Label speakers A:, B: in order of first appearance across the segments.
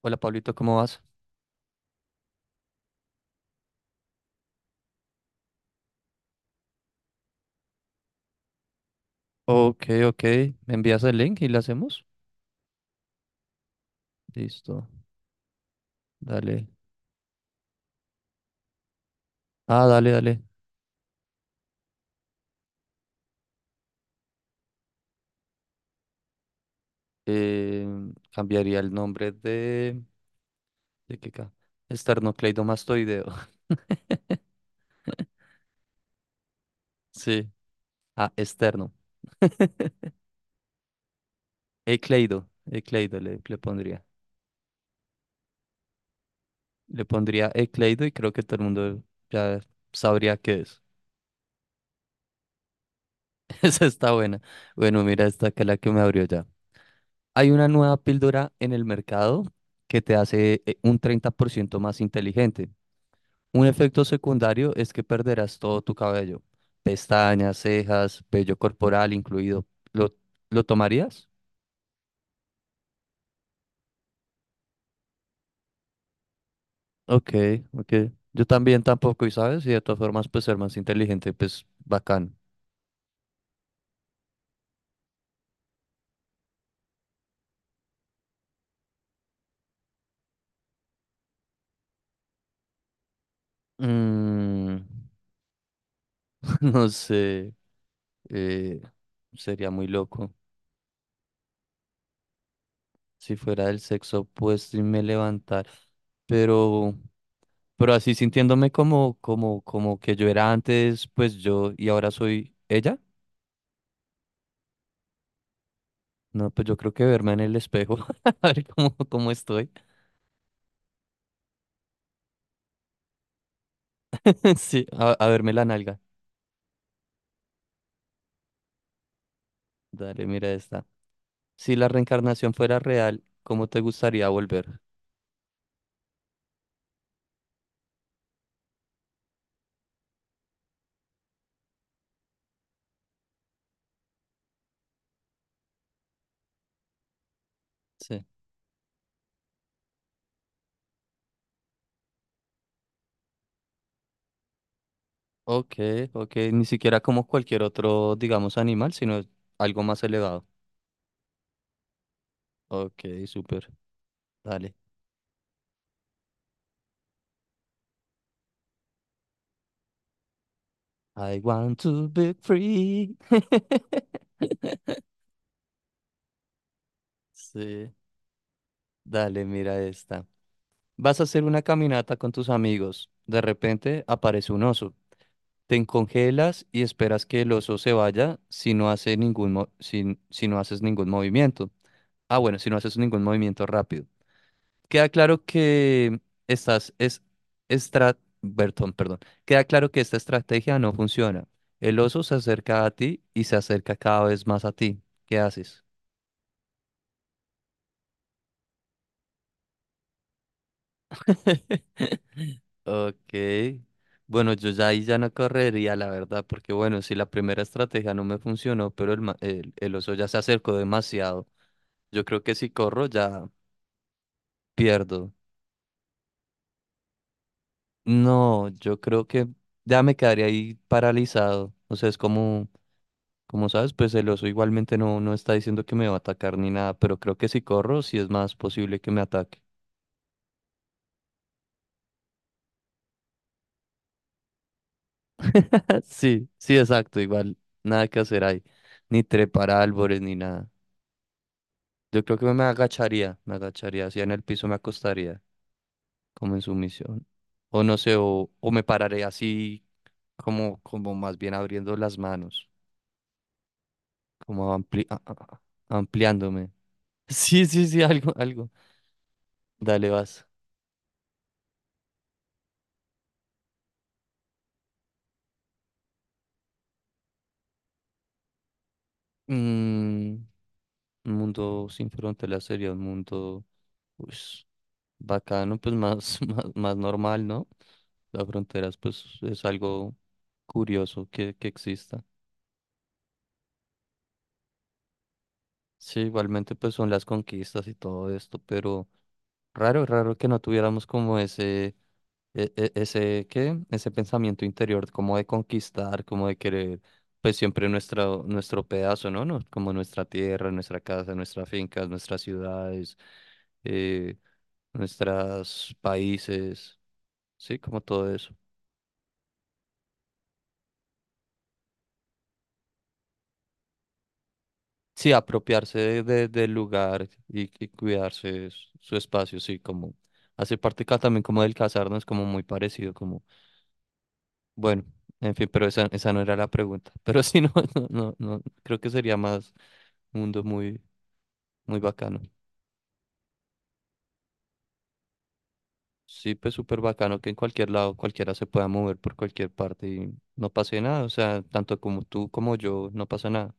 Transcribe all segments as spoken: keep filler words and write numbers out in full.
A: Hola Pablito, ¿cómo vas? Ok, ok. ¿Me envías el link y lo hacemos? Listo. Dale. Ah, dale, dale. Eh, Cambiaría el nombre de... ¿De qué ca? Esternocleidomastoideo. Sí. Ah, externo. Ecleido. Ecleido le, le pondría. Le pondría ecleido y creo que todo el mundo ya sabría qué es. Esa está buena. Bueno, mira esta que es la que me abrió ya. Hay una nueva píldora en el mercado que te hace eh, un treinta por ciento más inteligente. Un efecto secundario es que perderás todo tu cabello, pestañas, cejas, vello corporal incluido. ¿Lo, lo tomarías? Ok, ok. Yo también tampoco, y sabes, y de todas formas, pues ser más inteligente, pues bacán. Mm, no sé, eh, sería muy loco si fuera del sexo opuesto y me levantara. Pero, pero así sintiéndome como, como, como que yo era antes, pues yo y ahora soy ella. No, pues yo creo que verme en el espejo, a ver cómo, cómo estoy. Sí, a, a verme la nalga. Dale, mira esta. Si la reencarnación fuera real, ¿cómo te gustaría volver? Sí. Ok, ok, ni siquiera como cualquier otro, digamos, animal, sino algo más elevado. Ok, súper. Dale. I want to be free. Sí. Dale, mira esta. Vas a hacer una caminata con tus amigos. De repente aparece un oso. Te congelas y esperas que el oso se vaya si no hace ningún mo- si, si no haces ningún movimiento. Ah, bueno, si no haces ningún movimiento rápido. Queda claro que estás es estra- Bertón, perdón. Queda claro que esta estrategia no funciona. El oso se acerca a ti y se acerca cada vez más a ti. ¿Qué haces? Ok. Bueno, yo ya ahí ya no correría, la verdad, porque bueno, si la primera estrategia no me funcionó, pero el, ma- el, el oso ya se acercó demasiado. Yo creo que si corro ya pierdo. No, yo creo que ya me quedaría ahí paralizado. O sea, es como, como sabes, pues el oso igualmente no, no está diciendo que me va a atacar ni nada, pero creo que si corro sí es más posible que me ataque. Sí, sí, exacto, igual nada que hacer ahí. Ni trepar a árboles ni nada. Yo creo que me agacharía, me agacharía, así en el piso me acostaría, como en sumisión. O no sé, o, o me pararé así como, como más bien abriendo las manos. Como ampli- a- a- a- ampliándome. Sí, sí, sí, algo, algo. Dale, vas. Mm, un mundo sin fronteras sería un mundo, pues, bacano, pues más, más, más normal, ¿no? Las fronteras, pues, es algo curioso que, que exista. Sí, igualmente, pues, son las conquistas y todo esto, pero raro, raro que no tuviéramos como ese, e- e- ese, ¿qué? Ese pensamiento interior, como de conquistar, como de querer, pues siempre nuestro, nuestro pedazo, ¿no? ¿no? Como nuestra tierra, nuestra casa, nuestras fincas, nuestras ciudades, eh, nuestros países, sí, como todo eso. Sí, apropiarse de, de- del lugar y, y cuidarse su su espacio, sí, como hace parte ca- también como del casarnos, como muy parecido, como. Bueno, en fin, pero esa, esa no era la pregunta. Pero sí, no, no, no, no, creo que sería más un mundo muy, muy bacano. Sí, pues súper bacano que en cualquier lado cualquiera se pueda mover por cualquier parte y no pase nada. O sea, tanto como tú como yo, no pasa nada.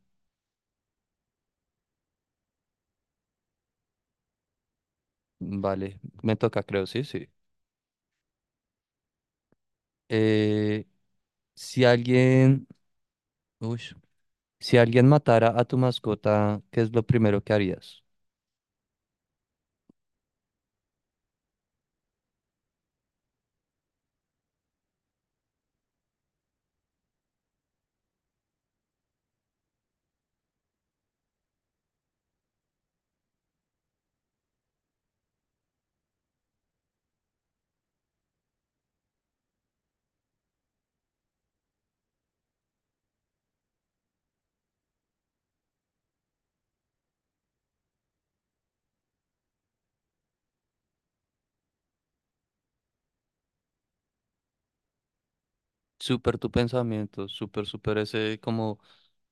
A: Vale, me toca, creo, sí, sí. Eh, si alguien, uy, si alguien matara a tu mascota, ¿qué es lo primero que harías? Súper tu pensamiento, súper, súper ese como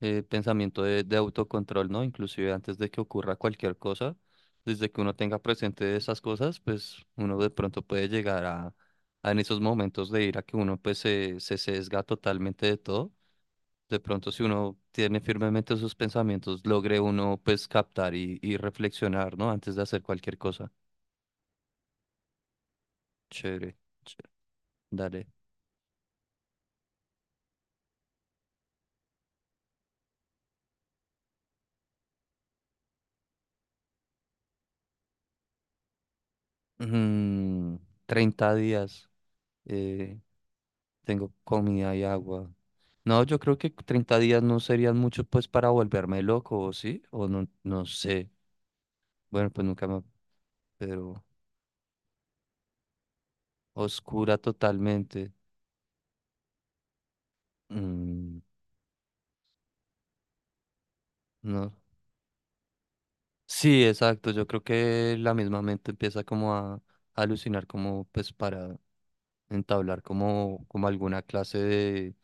A: eh, pensamiento de, de autocontrol, ¿no? Inclusive antes de que ocurra cualquier cosa, desde que uno tenga presente esas cosas, pues uno de pronto puede llegar a, a en esos momentos de ira que uno pues se, se sesga totalmente de todo. De pronto si uno tiene firmemente sus pensamientos, logre uno pues captar y, y reflexionar, ¿no? Antes de hacer cualquier cosa. Chévere, chévere. Dale. Mm, treinta días. eh, Tengo comida y agua. No, yo creo que treinta días no serían muchos pues para volverme loco, ¿o sí? O no, no sé. Bueno, pues nunca me... Pero oscura totalmente. Mm, no. Sí, exacto. Yo creo que la misma mente empieza como a alucinar como pues para entablar como, como alguna clase de,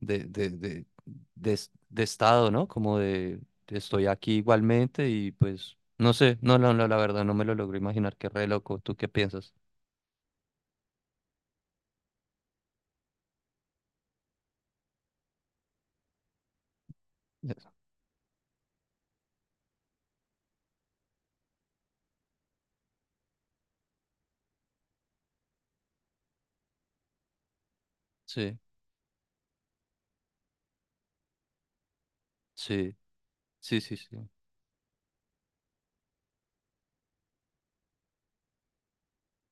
A: de, de, de, de es- de estado, ¿no? Como de de estoy aquí igualmente y pues no sé, no, no, no, la verdad no me lo logro imaginar, qué re loco, ¿tú qué piensas? Eso. Sí, sí, sí, sí, sí.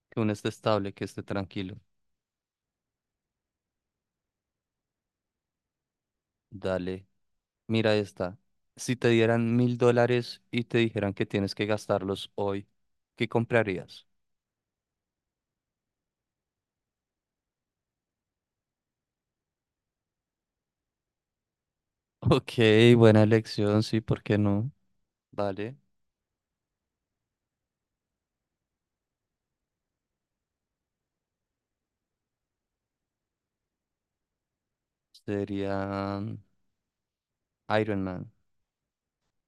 A: Que uno esté estable, que esté tranquilo. Dale, mira esta. Si te dieran mil dólares y te dijeran que tienes que gastarlos hoy, ¿qué comprarías? Ok, buena elección, sí, ¿por qué no? Vale. Sería Iron Man,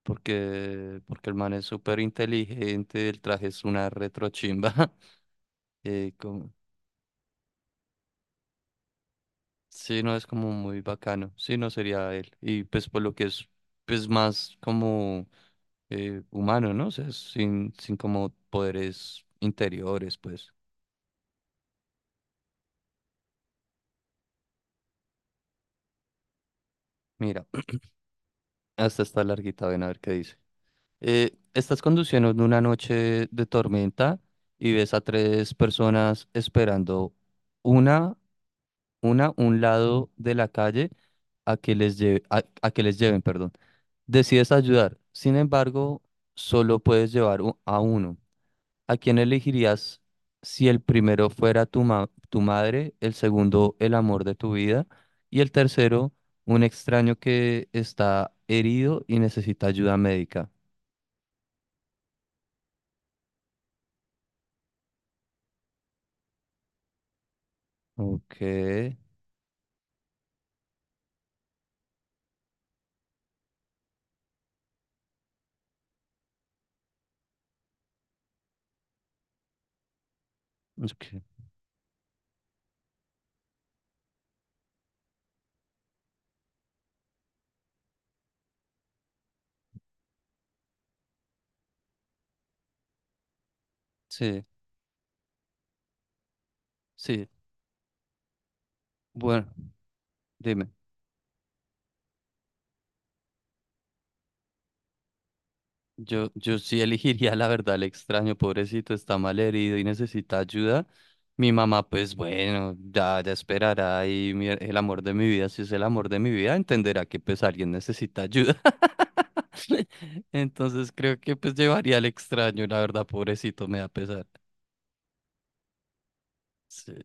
A: porque, porque el man es súper inteligente, el traje es una retrochimba. Eh, como, sí, no, es como muy bacano. Sí, no sería él. Y pues por lo que es pues más como eh, humano, ¿no? O sea, sin, sin como poderes interiores, pues. Mira, hasta está larguita, ven a ver qué dice. Eh, estás conduciendo en una noche de tormenta y ves a tres personas esperando una Una, un lado de la calle a que les lleve- a, a que les lleven, perdón. Decides ayudar. Sin embargo, solo puedes llevar u- a uno. ¿A quién elegirías si el primero fuera tu ma- tu madre, el segundo el amor de tu vida y el tercero un extraño que está herido y necesita ayuda médica? Ok, ok, sí, sí. Bueno, dime. Yo, yo sí elegiría la verdad el extraño, pobrecito, está mal herido y necesita ayuda. Mi mamá, pues bueno, ya, ya esperará y mi- el amor de mi vida, si es el amor de mi vida, entenderá que pues alguien necesita ayuda. Entonces creo que pues llevaría al extraño, la verdad, pobrecito, me da pesar. Sí.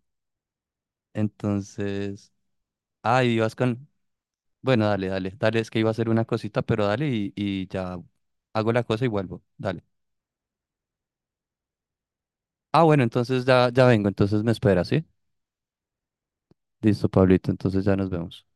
A: Entonces, ay, ibas con... Bueno, dale, dale, dale, es que iba a hacer una cosita, pero dale y, y ya hago la cosa y vuelvo, dale. Ah, bueno, entonces ya, ya vengo, entonces me espera, ¿sí? Listo, Pablito, entonces ya nos vemos.